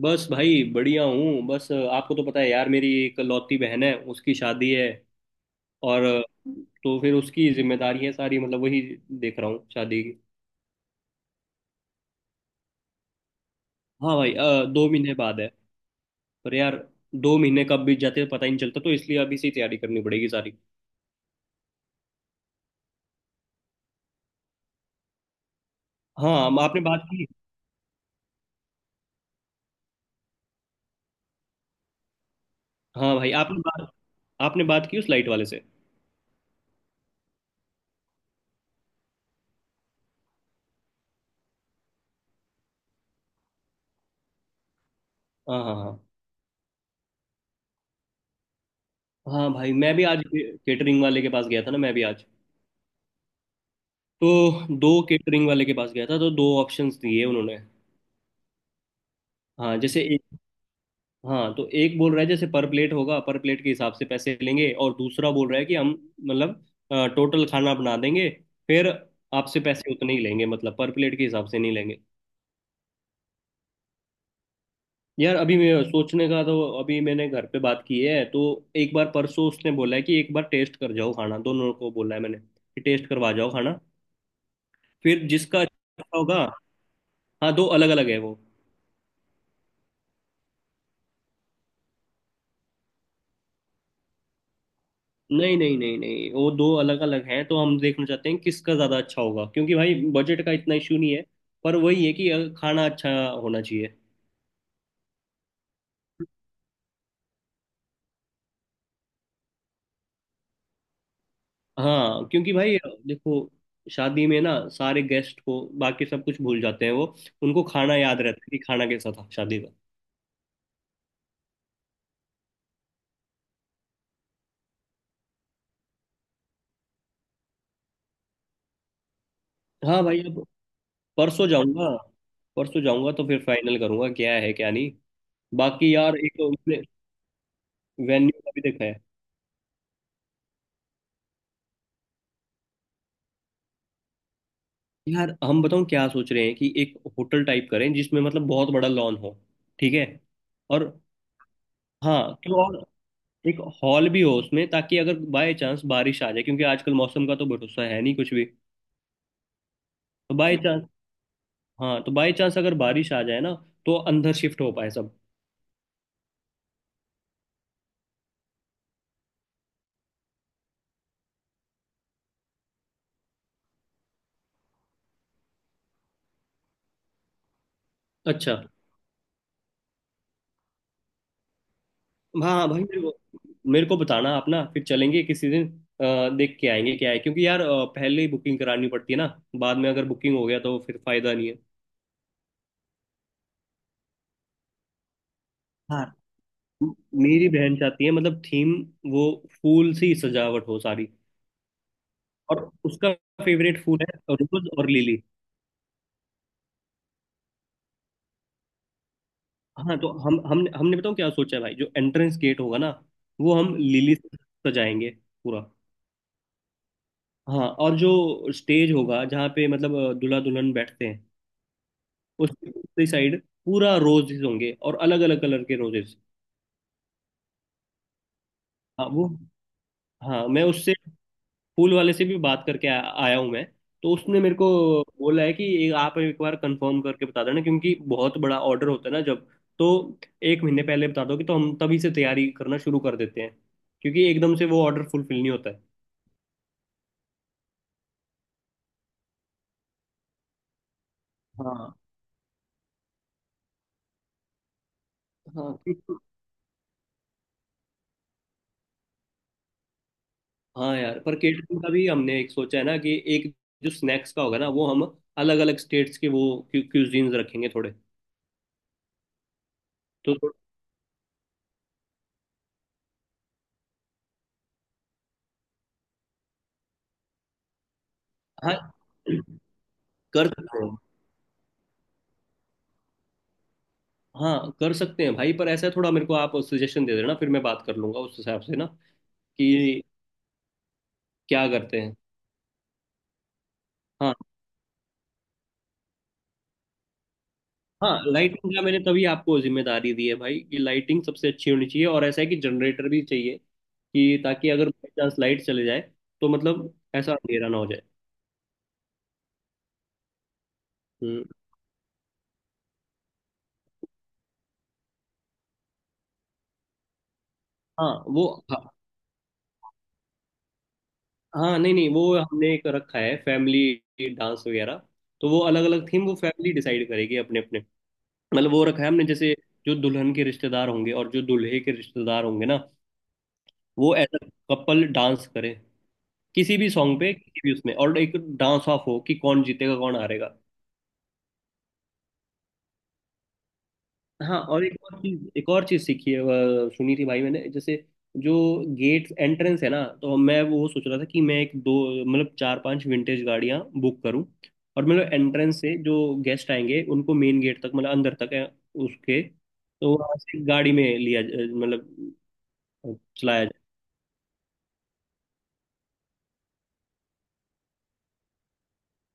बस भाई बढ़िया हूँ। बस आपको तो पता है यार, मेरी एक लौती बहन है, उसकी शादी है। और तो फिर उसकी जिम्मेदारी है सारी, मतलब वही देख रहा हूँ शादी की। हाँ भाई, 2 महीने बाद है। पर यार 2 महीने कब बीत जाते हैं पता ही नहीं चलता, तो इसलिए अभी से ही तैयारी करनी पड़ेगी सारी। हाँ आपने बात की। हाँ भाई, आपने बात की उस लाइट वाले से। हाँ हाँ हाँ। हाँ भाई, मैं भी आज केटरिंग वाले के पास गया था ना, मैं भी आज तो दो केटरिंग वाले के पास गया था, तो दो ऑप्शंस दिए उन्होंने। हाँ जैसे, हाँ तो एक बोल रहा है जैसे पर प्लेट होगा, पर प्लेट के हिसाब से पैसे लेंगे। और दूसरा बोल रहा है कि हम, मतलब टोटल खाना बना देंगे, फिर आपसे पैसे उतने ही लेंगे, मतलब पर प्लेट के हिसाब से नहीं लेंगे। यार अभी मैं सोचने का तो, अभी मैंने घर पे बात की है, तो एक बार परसों उसने बोला है कि एक बार टेस्ट कर जाओ खाना, दोनों को बोला है मैंने कि टेस्ट करवा जाओ खाना, फिर जिसका अच्छा होगा। हाँ दो अलग अलग है वो। नहीं नहीं नहीं नहीं, वो दो अलग अलग हैं, तो हम देखना चाहते हैं किसका ज्यादा अच्छा होगा, क्योंकि भाई बजट का इतना इशू नहीं है। पर वही है कि खाना अच्छा होना चाहिए। हाँ क्योंकि भाई देखो, शादी में ना सारे गेस्ट को बाकी सब कुछ भूल जाते हैं, वो उनको खाना याद रहता है कि खाना कैसा था शादी का। हाँ भाई अब परसों जाऊंगा परसों जाऊंगा तो फिर फाइनल करूंगा क्या है क्या नहीं। बाकी यार एक तो वेन्यू का भी देखा है। यार हम बताऊं क्या सोच रहे हैं, कि एक होटल टाइप करें जिसमें मतलब बहुत बड़ा लॉन हो। ठीक है, और हाँ तो, और एक हॉल भी हो उसमें, ताकि अगर बाय चांस बारिश आ जाए, क्योंकि आजकल मौसम का तो भरोसा है नहीं कुछ भी। तो बाय चांस, हाँ तो बाय चांस अगर बारिश आ जाए ना, तो अंदर शिफ्ट हो पाए सब। अच्छा हाँ हाँ भाई, मेरे को बताना आप ना, फिर चलेंगे किसी दिन, देख के आएंगे क्या है, क्योंकि यार पहले ही बुकिंग करानी पड़ती है ना, बाद में अगर बुकिंग हो गया तो फिर फायदा नहीं है। हाँ मेरी बहन चाहती है, मतलब थीम वो फूल से ही सजावट हो सारी, और उसका फेवरेट फूल है रोज और लिली। हाँ तो हम हमने बताओ क्या सोचा है भाई, जो एंट्रेंस गेट होगा ना, वो हम लिली से सजाएंगे पूरा। हाँ और जो स्टेज होगा, जहाँ पे मतलब दूल्हा दुल्हन बैठते हैं, उसकी साइड पूरा रोजेस होंगे, और अलग अलग कलर के रोजेस। हाँ वो, हाँ मैं उससे फूल वाले से भी बात करके आया हूँ मैं। तो उसने मेरे को बोला है कि ये आप एक बार कंफर्म करके बता देना, क्योंकि बहुत बड़ा ऑर्डर होता है ना जब, तो 1 महीने पहले बता दोगे तो हम तभी से तैयारी करना शुरू कर देते हैं, क्योंकि एकदम से वो ऑर्डर फुलफिल नहीं होता है। हाँ हाँ बिल्कुल। हाँ यार पर केटरिंग का भी हमने एक सोचा है ना, कि एक जो स्नैक्स का होगा ना, वो हम अलग अलग स्टेट्स के वो क्यूजीन्स रखेंगे थोड़े। तो हाँ कर सकते हैं। हाँ कर सकते हैं भाई, पर ऐसा है थोड़ा, मेरे को आप सजेशन दे देना, फिर मैं बात कर लूंगा उस हिसाब से ना, कि क्या करते हैं। हाँ हाँ, लाइटिंग का मैंने तभी आपको जिम्मेदारी दी है भाई, कि लाइटिंग सबसे अच्छी होनी चाहिए। और ऐसा है कि जनरेटर भी चाहिए, कि ताकि अगर बाई चांस लाइट चले जाए, तो मतलब ऐसा अंधेरा ना हो जाए। हम्म हाँ वो। हाँ हाँ, नहीं नहीं वो हमने एक रखा है फैमिली डांस वगैरह, तो वो अलग अलग थीम वो फैमिली डिसाइड करेगी अपने अपने, मतलब वो रखा है हमने। जैसे जो दुल्हन के रिश्तेदार होंगे, और जो दूल्हे के रिश्तेदार होंगे ना, वो एज अ कपल डांस करे किसी भी सॉन्ग पे किसी भी उसमें, और एक डांस ऑफ हो कि कौन जीतेगा कौन हारेगा। हाँ और एक और चीज सीखी है, वह सुनी थी भाई मैंने, जैसे जो गेट एंट्रेंस है ना, तो मैं वो सोच रहा था कि मैं एक दो, मतलब चार पांच विंटेज गाड़ियां बुक करूं, और मतलब एंट्रेंस से जो गेस्ट आएंगे उनको मेन गेट तक, मतलब अंदर तक है उसके, तो वहां से गाड़ी में लिया मतलब चलाया जाए।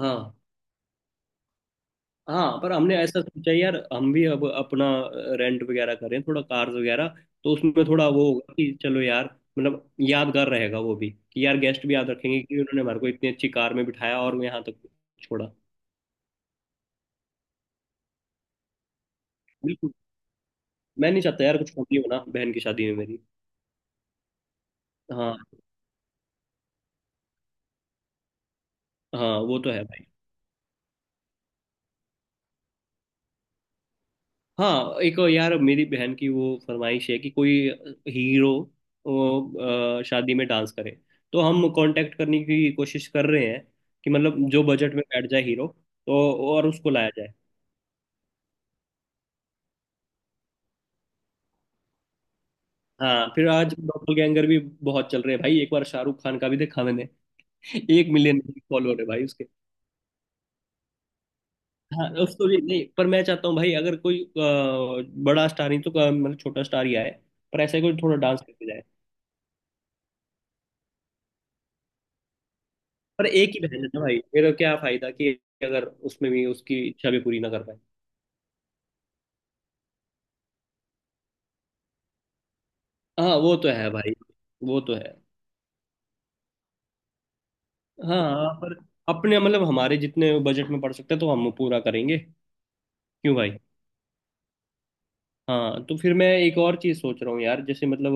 हाँ हाँ पर हमने ऐसा सोचा यार, हम भी अब अपना रेंट वगैरह करें थोड़ा कार्स वगैरह, तो उसमें थोड़ा वो होगा कि चलो यार, मतलब यादगार रहेगा वो भी, कि यार गेस्ट भी याद रखेंगे कि उन्होंने हमारे को इतनी अच्छी कार में बिठाया और यहाँ तक छोड़ा। बिल्कुल, मैं नहीं चाहता यार कुछ कमी हो ना बहन की शादी में मेरी। हाँ हाँ वो तो है भाई। हाँ एक यार, मेरी बहन की वो फरमाइश है कि कोई हीरो वो, शादी में डांस करे, तो हम कांटेक्ट करने की कोशिश कर रहे हैं कि मतलब जो बजट में बैठ जाए हीरो, तो और उसको लाया जाए। हाँ फिर आज डबल गैंगर भी बहुत चल रहे हैं भाई, एक बार शाहरुख खान का भी देखा मैंने, 1 मिलियन फॉलोअर है भाई उसके। हाँ उसको भी नहीं, पर मैं चाहता हूँ भाई अगर कोई बड़ा स्टार नहीं, तो मतलब छोटा स्टार ही आए, पर ऐसा ही कोई थोड़ा डांस करके। पर एक ही बहन है ना भाई, फिर क्या फायदा कि अगर उसमें भी उसकी इच्छा भी पूरी ना कर पाए। हाँ वो तो है भाई। वो तो है। हाँ हाँ, पर अपने मतलब हमारे जितने बजट में पड़ सकते हैं तो हम पूरा करेंगे। क्यों भाई। हाँ तो फिर मैं एक और चीज़ सोच रहा हूँ यार, जैसे मतलब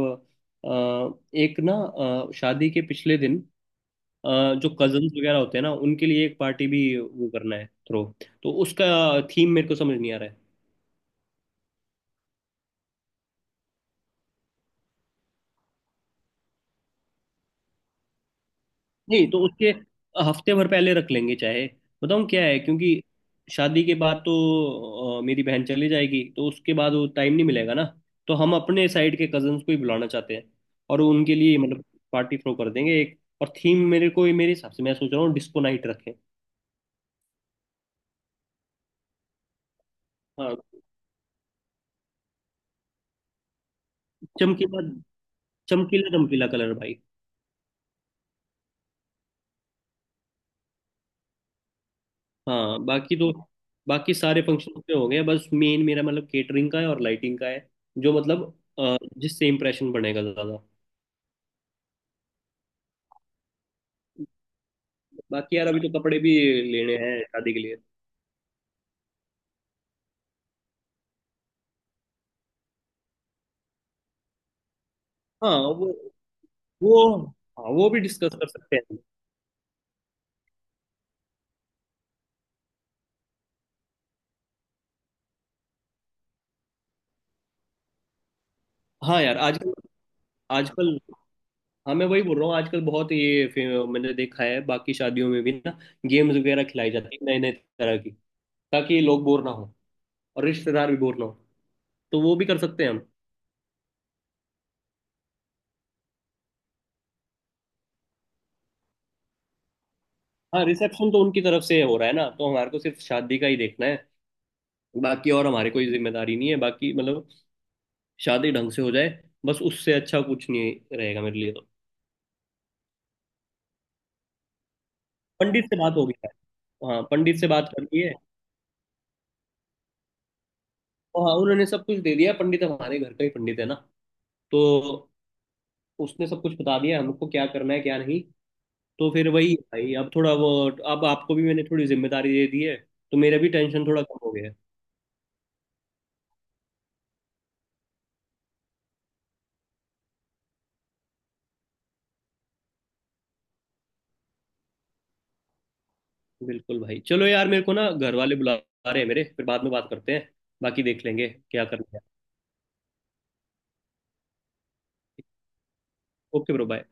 एक ना, शादी के पिछले दिन, अ, जो कजन्स वगैरह होते हैं ना, उनके लिए एक पार्टी भी वो करना है थ्रो, तो उसका थीम मेरे को समझ नहीं आ रहा है। नहीं, तो उसके हफ्ते भर पहले रख लेंगे चाहे, बताऊँ क्या है, क्योंकि शादी के बाद तो मेरी बहन चली जाएगी, तो उसके बाद वो टाइम नहीं मिलेगा ना। तो हम अपने साइड के कजन्स को ही बुलाना चाहते हैं, और उनके लिए मतलब पार्टी थ्रो कर देंगे। एक और थीम, मेरे को मेरे हिसाब से मैं सोच रहा हूँ डिस्को नाइट रखें। हाँ चमकीला, चमकीला चमकीला कलर भाई। हाँ बाकी तो, बाकी सारे फंक्शन पे हो गए, बस मेन मेरा मतलब केटरिंग का है और लाइटिंग का है, जो मतलब जिससे इम्प्रेशन बनेगा ज्यादा। बाकी यार अभी तो कपड़े भी लेने हैं शादी के लिए। हाँ वो, वो हाँ वो भी डिस्कस कर सकते हैं। हाँ यार आजकल आजकल हाँ मैं वही बोल रहा हूँ, आजकल बहुत ये मैंने देखा है बाकी शादियों में भी ना, गेम्स वगैरह खिलाई जाती है नए नए तरह की, ताकि लोग बोर ना हो, और रिश्तेदार भी बोर ना हो, तो वो भी कर सकते हैं हम। हाँ रिसेप्शन तो उनकी तरफ से हो रहा है ना, तो हमारे को सिर्फ शादी का ही देखना है, बाकी और हमारी कोई जिम्मेदारी नहीं है, बाकी मतलब शादी ढंग से हो जाए बस, उससे अच्छा कुछ नहीं रहेगा मेरे लिए तो। पंडित से बात होगी, हाँ पंडित से बात कर ली है। और हाँ उन्होंने सब कुछ दे दिया, पंडित हमारे घर का ही पंडित है ना, तो उसने सब कुछ बता दिया हमको क्या करना है क्या नहीं। तो फिर वही है भाई, अब थोड़ा वो, अब आपको भी मैंने थोड़ी जिम्मेदारी दे दी है, तो मेरा भी टेंशन थोड़ा कम हो गया है। बिल्कुल भाई, चलो यार मेरे को ना घर वाले बुला रहे हैं मेरे, फिर बाद में बात करते हैं, बाकी देख लेंगे क्या करना है। Okay bro bye.